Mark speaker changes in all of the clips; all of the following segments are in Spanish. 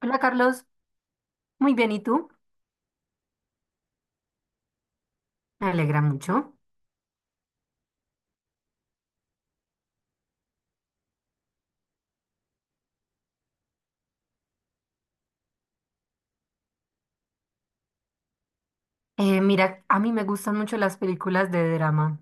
Speaker 1: Hola Carlos, muy bien, ¿y tú? Me alegra mucho. Mira, a mí me gustan mucho las películas de drama.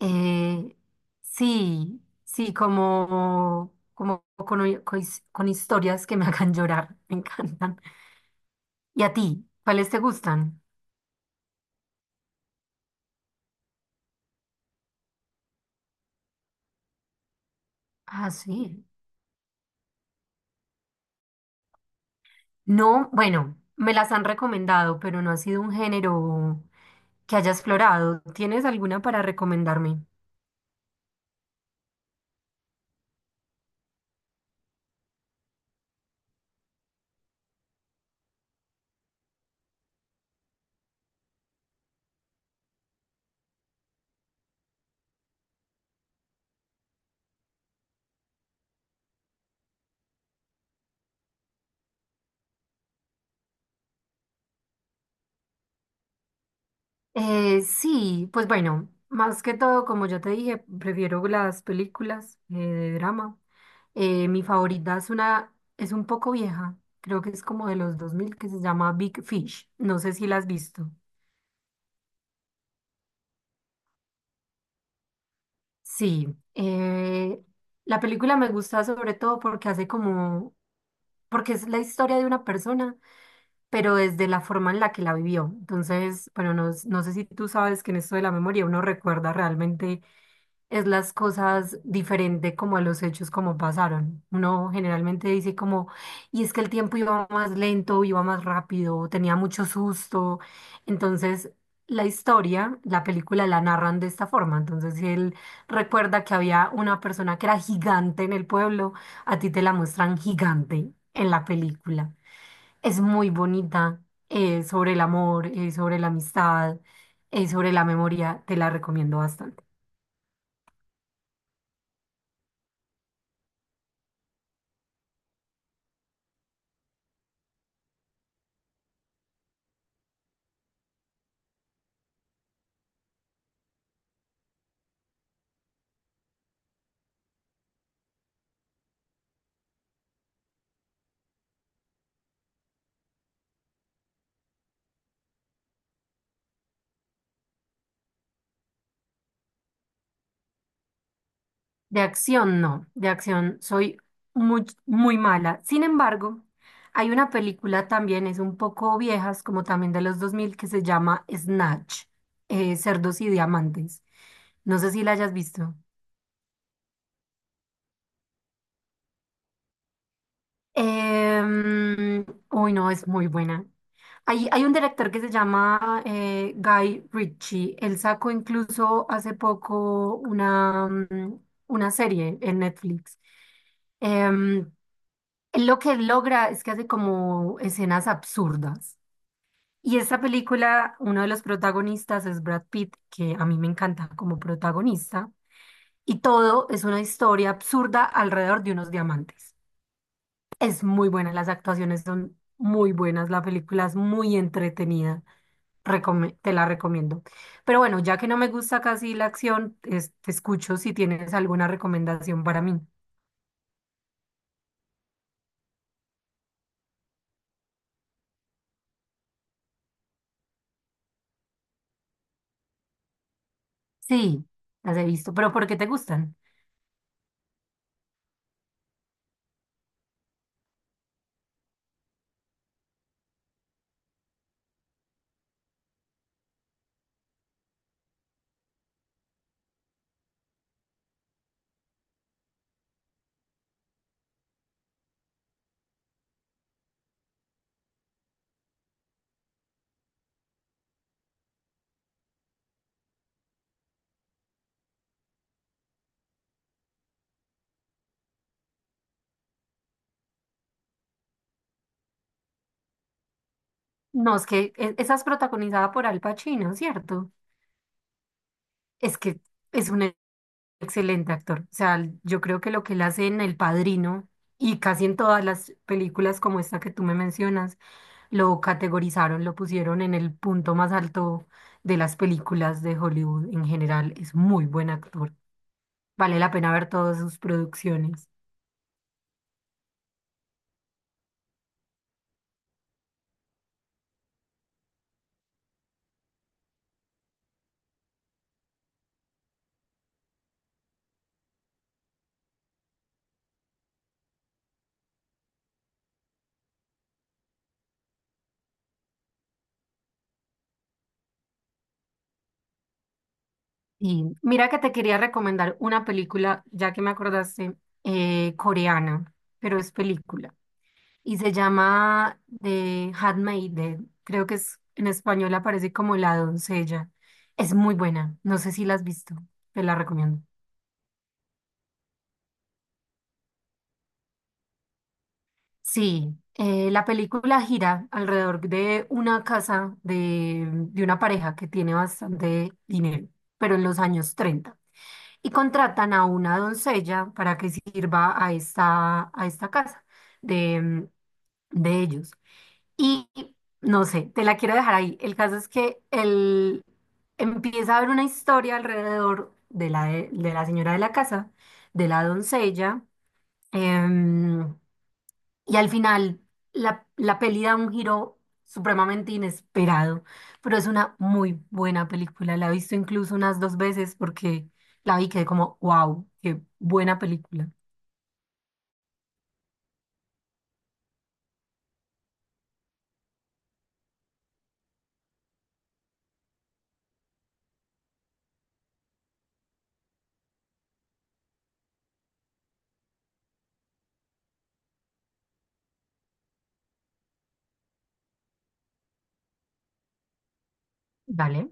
Speaker 1: Eh, sí, sí, como, como con, hi- con his- con historias que me hagan llorar, me encantan. ¿Y a ti? ¿Cuáles te gustan? Ah, sí. No, bueno, me las han recomendado, pero no ha sido un género que haya explorado. ¿Tienes alguna para recomendarme? Sí, pues bueno, más que todo, como ya te dije, prefiero las películas de drama. Mi favorita es una, es un poco vieja, creo que es como de los dos mil, que se llama Big Fish. No sé si la has visto. Sí, la película me gusta sobre todo porque hace como, porque es la historia de una persona, pero desde la forma en la que la vivió. Entonces, bueno, no sé si tú sabes que en esto de la memoria uno recuerda realmente es las cosas diferente como a los hechos como pasaron. Uno generalmente dice como, y es que el tiempo iba más lento, iba más rápido, tenía mucho susto. Entonces, la historia, la película la narran de esta forma. Entonces, si él recuerda que había una persona que era gigante en el pueblo, a ti te la muestran gigante en la película. Es muy bonita, sobre el amor, sobre la amistad, sobre la memoria, te la recomiendo bastante. De acción, no, de acción soy muy, muy mala. Sin embargo, hay una película también, es un poco viejas, como también de los dos mil, que se llama Snatch, Cerdos y Diamantes. No sé si la hayas visto. Em, uy, no, es muy buena. Hay un director que se llama Guy Ritchie. Él sacó incluso hace poco una, una serie en Netflix. Em, él lo que logra es que hace como escenas absurdas. Y esta película, uno de los protagonistas es Brad Pitt, que a mí me encanta como protagonista. Y todo es una historia absurda alrededor de unos diamantes. Es muy buena, las actuaciones son muy buenas, la película es muy entretenida, te la recomiendo. Pero bueno, ya que no me gusta casi la acción, te escucho si tienes alguna recomendación para mí. Sí, las he visto, pero ¿por qué te gustan? No, es que esa es protagonizada por Al Pacino, ¿cierto? Es que es un excelente actor. O sea, yo creo que lo que él hace en El Padrino y casi en todas las películas como esta que tú me mencionas, lo categorizaron, lo pusieron en el punto más alto de las películas de Hollywood en general. Es muy buen actor. Vale la pena ver todas sus producciones. Y mira que te quería recomendar una película, ya que me acordaste, coreana, pero es película. Y se llama The Handmaiden. Creo que es, en español aparece como La Doncella. Es muy buena. No sé si la has visto. Te la recomiendo. Sí, la película gira alrededor de una casa de una pareja que tiene bastante dinero, pero en los años treinta, y contratan a una doncella para que sirva a esta casa de, de ellos. Y no sé, te la quiero dejar ahí. El caso es que él empieza a haber una historia alrededor de la señora de la casa, de la doncella. em, y al final, la peli da un giro supremamente inesperado, pero es una muy buena película. La he visto incluso unas dos veces, porque la vi y quedé como, wow, qué buena película. ¿Vale?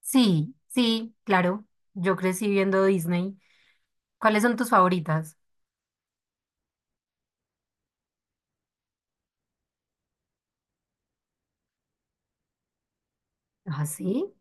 Speaker 1: Sí, sí, claro. Yo crecí viendo Disney. ¿Cuáles son tus favoritas? ¿Ah, sí?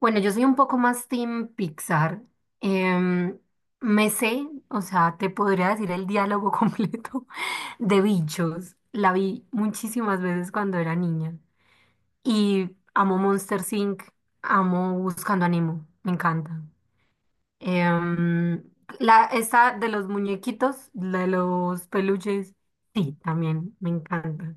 Speaker 1: Bueno, yo soy un poco más team Pixar. Em, me sé, o sea, te podría decir el diálogo completo de Bichos. La vi muchísimas veces cuando era niña. Y amo Monster Inc., amo Buscando a Nemo, me encanta. Em, la, esta de los muñequitos, la de los peluches, sí, también me encanta.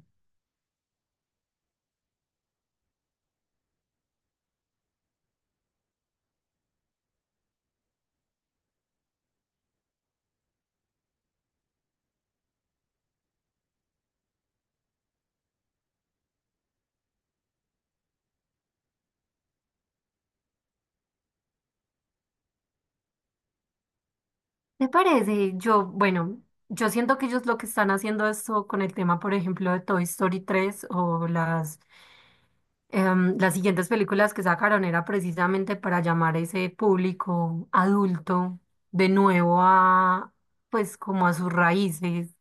Speaker 1: ¿Te parece? Yo, bueno, yo siento que ellos lo que están haciendo esto con el tema, por ejemplo, de Toy Story tres o las, las siguientes películas que sacaron era precisamente para llamar a ese público adulto de nuevo a, pues como a sus raíces.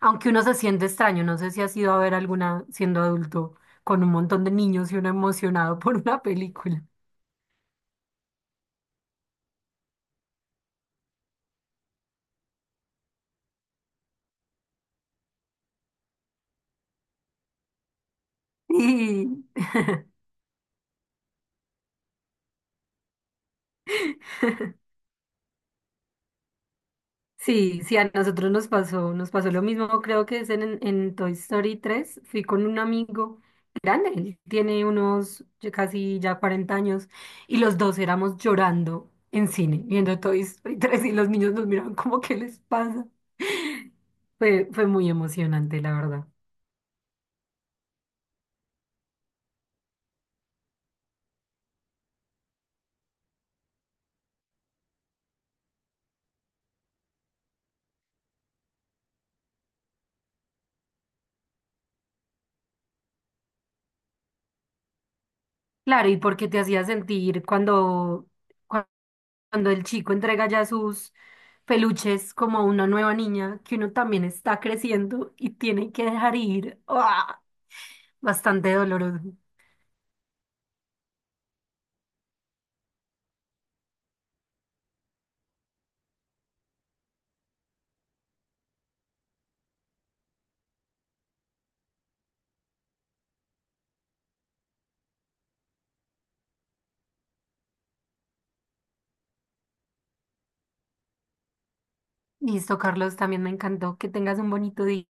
Speaker 1: Aunque uno se siente extraño, no sé si has ido a ver alguna siendo adulto con un montón de niños y uno emocionado por una película. Sí, sí, a nosotros nos pasó lo mismo, creo que es en Toy Story tres. Fui con un amigo grande, él tiene unos ya casi ya 40 años, y los dos éramos llorando en cine, viendo Toy Story tres y los niños nos miraban como, ¿qué les pasa? Fue muy emocionante, la verdad. Claro, ¿y por qué te hacía sentir cuando, cuando el chico entrega ya sus peluches como a una nueva niña, que uno también está creciendo y tiene que dejar ir? ¡Ah! Bastante doloroso. Listo, Carlos, también me encantó. Que tengas un bonito día.